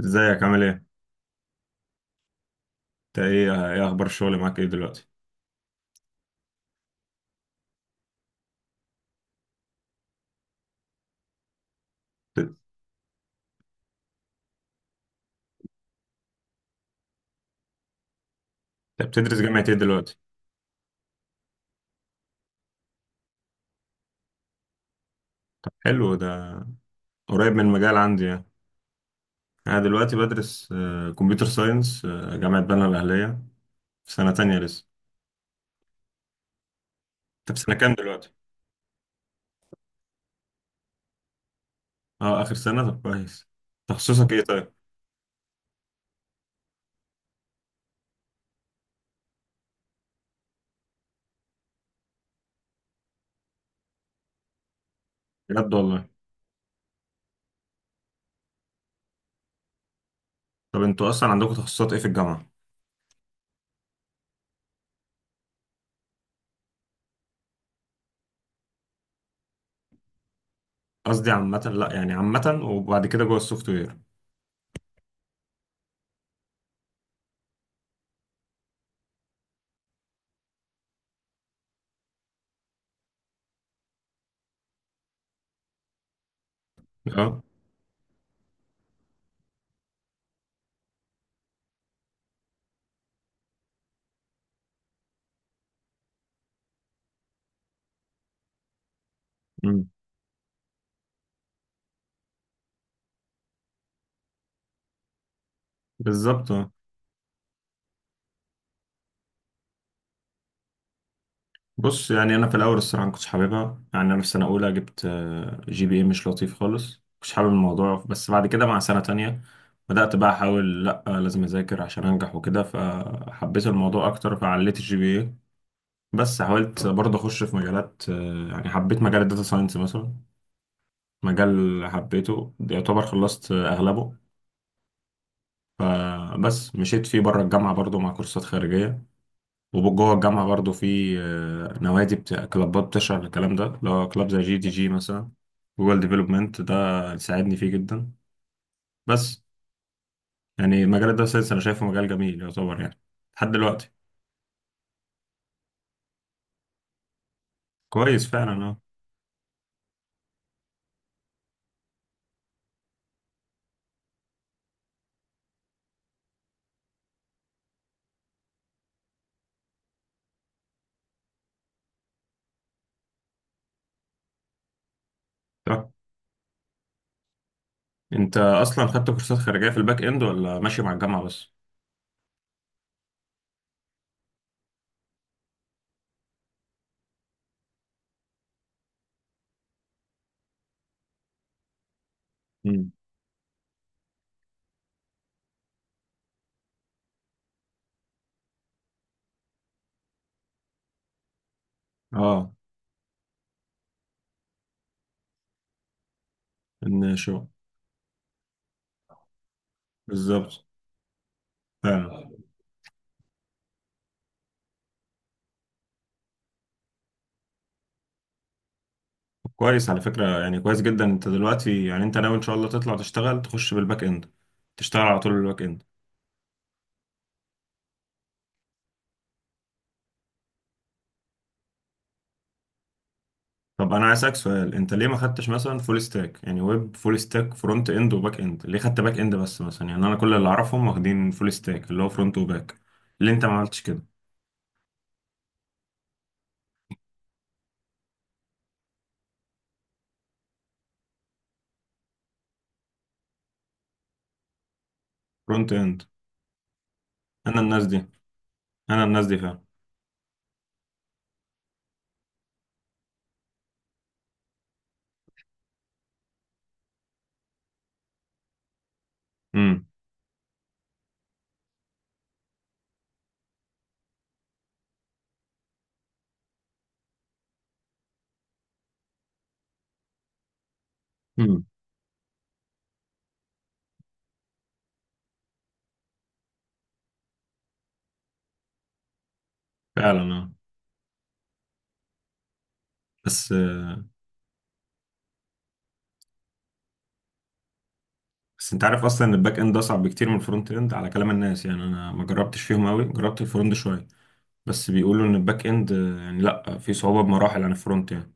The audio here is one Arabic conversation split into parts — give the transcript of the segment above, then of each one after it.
ازيك عامل ايه؟ انت ايه اخبار الشغل معاك ايه دلوقتي؟ انت بتدرس جامعة ايه دلوقتي؟ حلو ده، قريب من المجال عندي يعني. انا دلوقتي بدرس كمبيوتر ساينس جامعة بنها الاهلية، في سنة تانية لسه. انت في سنة كام دلوقتي؟ اه، اخر سنة، طب كويس. تخصصك ايه طيب؟ بجد والله. طب انتوا اصلا عندكم تخصصات ايه في الجامعة؟ قصدي عامة، لا يعني عامة وبعد كده جوه السوفت وير. اه. امم. بالظبط. بص يعني انا في الاول الصراحه ما كنتش حاببها، يعني انا في سنه اولى جبت جي بي اي مش لطيف خالص، مش حابب الموضوع، بس بعد كده مع سنه تانية بدات بقى احاول، لا لازم اذاكر عشان انجح وكده، فحبيت الموضوع اكتر فعليت الجي بي اي. بس حاولت برضه اخش في مجالات يعني حبيت مجال الداتا ساينس مثلا، مجال حبيته يعتبر خلصت اغلبه، فبس مشيت فيه بره الجامعه برضه مع كورسات خارجيه. وجوه الجامعة برضو في نوادي بتاع كلابات بتشرح الكلام ده، اللي هو كلاب زي جي دي جي مثلا، جوجل ديفلوبمنت ده ساعدني فيه جدا. بس يعني مجال الداتا ساينس أنا شايفه مجال جميل يعتبر يعني، لحد دلوقتي. كويس فعلا، اه. طب أنت أصلا خدت كورسات خارجية في الباك إند ولا ماشي مع الجامعة بس؟ مم. اه، ان شو. بالظبط، فعلا. كويس على فكرة، يعني كويس جدا. انت دلوقتي يعني انت ناوي ان شاء الله تطلع تشتغل، تخش بالباك اند، تشتغل على طول بالباك اند. طب انا عايز اسالك سؤال، انت ليه ما خدتش مثلا فول ستاك، يعني ويب فول ستاك، فرونت اند وباك اند، ليه خدت باك اند بس مثلا؟ يعني انا كل اللي اعرفهم واخدين فول ستاك اللي هو فرونت وباك، ليه انت ما عملتش كده؟ فرونت اند. انا الناس دي انا الناس دي فعلا. امم. امم، فعلا، اه. بس بس انت عارف اصلا ان الباك اند اصعب بكتير من الفرونت اند على كلام الناس، يعني انا ما جربتش فيهم قوي، جربت الفرونت شويه، بس بيقولوا ان الباك اند يعني لا في صعوبه بمراحل عن الفرونت يعني.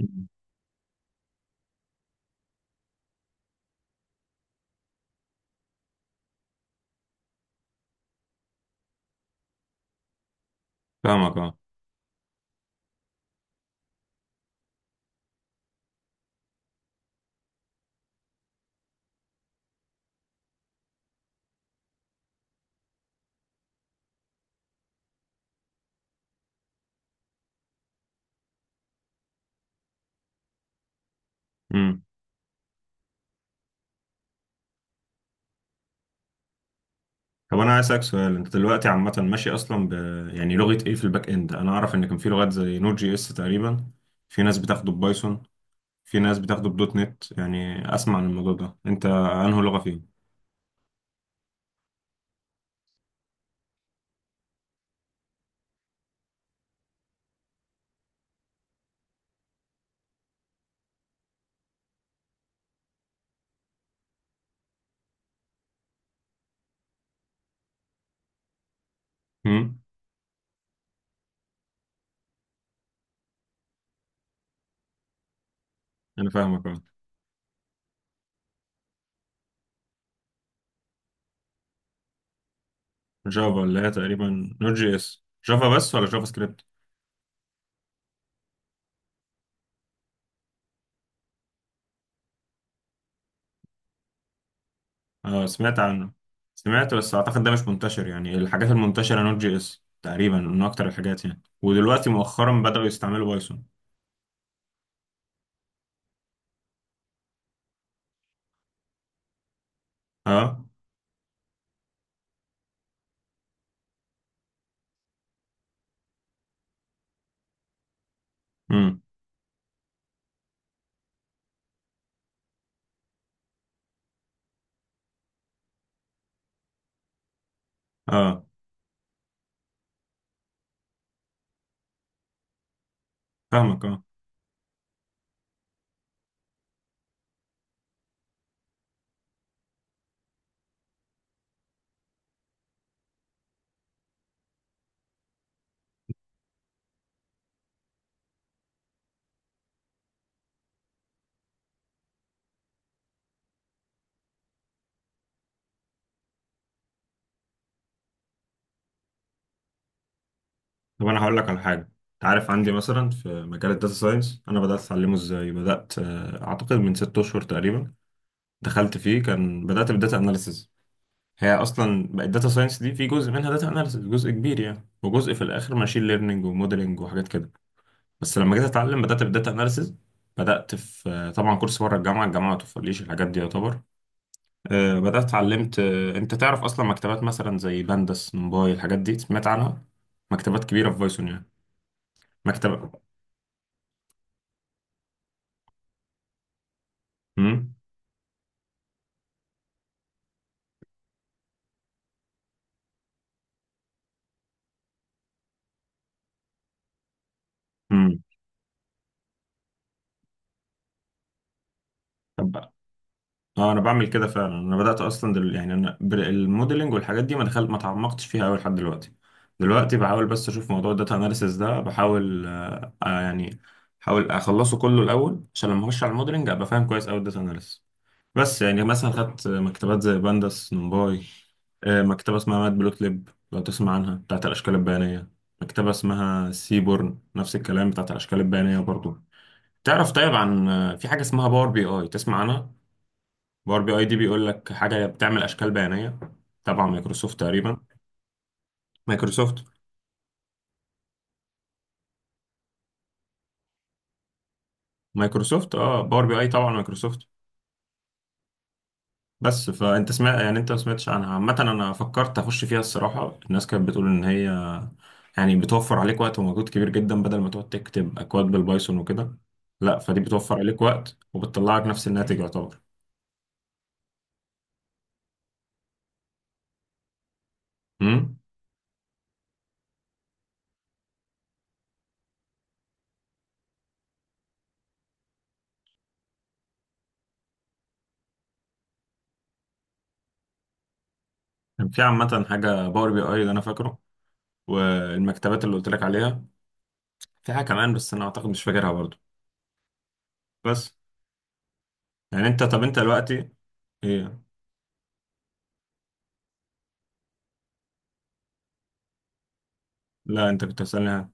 مم. فاهمك اه. طب انا عايز اسالك سؤال، انت دلوقتي عامه ماشي اصلا يعني لغه ايه في الباك اند؟ انا اعرف ان كان في لغات زي نود جي اس تقريبا، في ناس بتاخده ببايثون، في ناس بتاخده بدوت نت، يعني اسمع عن الموضوع ده، انت انهي لغه فيهم؟ امم. انا فاهمك اه. جافا اللي هي تقريبا نود جي اس؟ جافا بس ولا جافا سكريبت؟ اه، سمعت عنه. سمعت، بس اعتقد ده مش منتشر، يعني الحاجات المنتشره نود جي اس تقريبا من اكتر الحاجات يعني، ودلوقتي مؤخرا بداوا يستعملوا بايثون. اه. امم، اه. فاهمك اه. طب انا هقول لك على حاجه. انت عارف عندي مثلا في مجال الداتا ساينس، انا بدات اتعلمه ازاي؟ بدات اعتقد من ست اشهر تقريبا، دخلت فيه كان بدات بالداتا اناليسز. هي اصلا بقت داتا ساينس دي في جزء منها داتا اناليسز جزء كبير يعني، وجزء في الاخر ماشين ليرنينج وموديلنج وحاجات كده. بس لما جيت اتعلم بدات بالداتا اناليسز. بدات في طبعا كورس بره الجامعه ما توفرليش الحاجات دي يعتبر. بدات اتعلمت انت تعرف اصلا مكتبات مثلا زي بندس نمباي، الحاجات دي سمعت عنها؟ مكتبات كبيره في بايثون يعني. مكتبه. مم. امم. طب، اه. انا بعمل كده فعلا، انا بدات اصلا يعني انا الموديلنج والحاجات دي ما دخلت ما تعمقتش فيها قوي لحد دلوقتي. دلوقتي بحاول بس اشوف موضوع الداتا اناليسيس ده، بحاول يعني بحاول اخلصه كله الاول عشان لما اخش على الموديلنج ابقى فاهم كويس قوي الداتا اناليسيس. بس يعني مثلا خدت مكتبات زي بانداس نمباي، مكتبه اسمها مات بلوت ليب، لو تسمع عنها، بتاعت الاشكال البيانيه. مكتبه اسمها سيبورن نفس الكلام، بتاعت الاشكال البيانيه برضو. تعرف طيب عن في حاجه اسمها باور بي اي، تسمع عنها؟ باور بي اي دي بيقول لك حاجه، بتعمل اشكال بيانيه، تبع مايكروسوفت تقريبا. مايكروسوفت. مايكروسوفت، اه، باور بي اي طبعا مايكروسوفت. بس، فانت سمعت؟ يعني انت ما سمعتش عنها عامه؟ انا فكرت اخش فيها الصراحه، الناس كانت بتقول ان هي يعني بتوفر عليك وقت ومجهود كبير جدا، بدل ما تقعد تكتب اكواد بالبايثون وكده، لا فدي بتوفر عليك وقت وبتطلعك نفس الناتج يعتبر. امم. كان في عامه حاجه باور بي اي اللي انا فاكره، والمكتبات اللي قلت لك عليها، في حاجه كمان بس انا اعتقد مش فاكرها برضو. بس، يعني انت، طب انت دلوقتي، ايه؟ لا انت كنت بتسألني ها.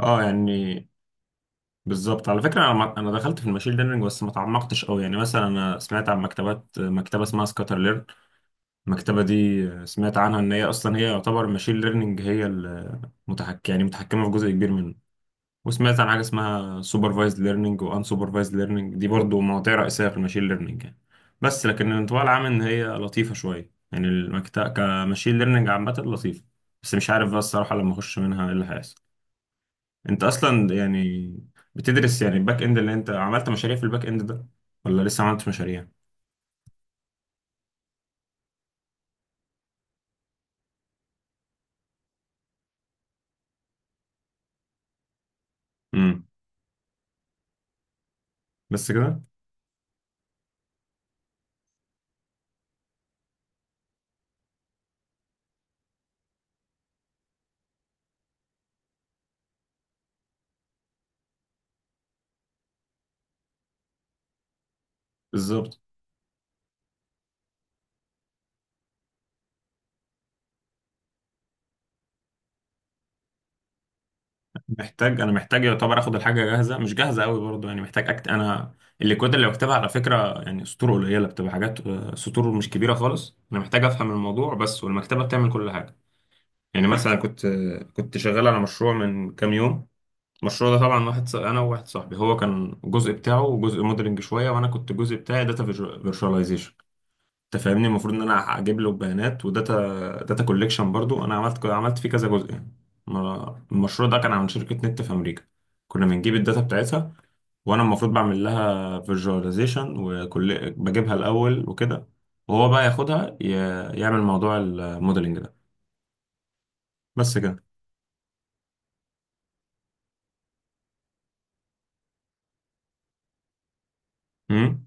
اه، يعني بالظبط. على فكرة انا انا دخلت في الماشين ليرنينج، بس ما تعمقتش قوي يعني، مثلا انا سمعت عن مكتبة اسمها سكاتر ليرن. المكتبة دي سمعت عنها ان هي اصلا، هي يعتبر الماشين ليرنينج هي المتحكم يعني، متحكمة في جزء كبير منه. وسمعت عن حاجه اسمها سوبرفايزد ليرنينج، وان سوبرفايزد ليرنينج دي برضو مواضيع رئيسيه في الماشين ليرنينج يعني. بس لكن الانطباع العام ان هي لطيفه شويه يعني، المكتب كماشين ليرنينج عامه لطيفه. بس مش عارف بقى الصراحه لما اخش منها ايه اللي هيحصل. انت اصلا يعني بتدرس يعني الباك اند، اللي انت عملت مشاريع في الباك اند ده ولا لسه ما عملتش مشاريع؟ امم. بس كده. بالظبط. انا محتاج يعتبر اخد الحاجه جاهزه، مش جاهزه قوي برضو يعني، محتاج انا الليكويد اللي بكتبها على فكره يعني سطور قليله، بتبقى حاجات سطور مش كبيره خالص، انا محتاج افهم الموضوع بس والمكتبه بتعمل كل حاجه. يعني مثلا كنت شغال على مشروع من كام يوم. المشروع ده طبعا انا وواحد صاحبي، هو كان الجزء بتاعه جزء موديلنج شويه، وانا كنت الجزء بتاعي داتا فيرشواليزيشن. انت فاهمني، المفروض ان انا اجيب له بيانات، وداتا كوليكشن برضو انا عملت فيه كذا جزء يعني. المشروع ده كان عن شركة نت في امريكا، كنا بنجيب الداتا بتاعتها، وانا المفروض بعمل لها فيجواليزيشن، وكل بجيبها الاول وكده، وهو بقى ياخدها يعمل موضوع الموديلنج ده. بس كده. امم.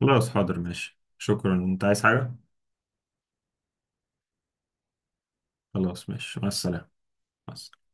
خلاص حاضر ماشي، شكرا، انت عايز حاجة؟ خلاص ماشي، مع السلامة. مع السلامة.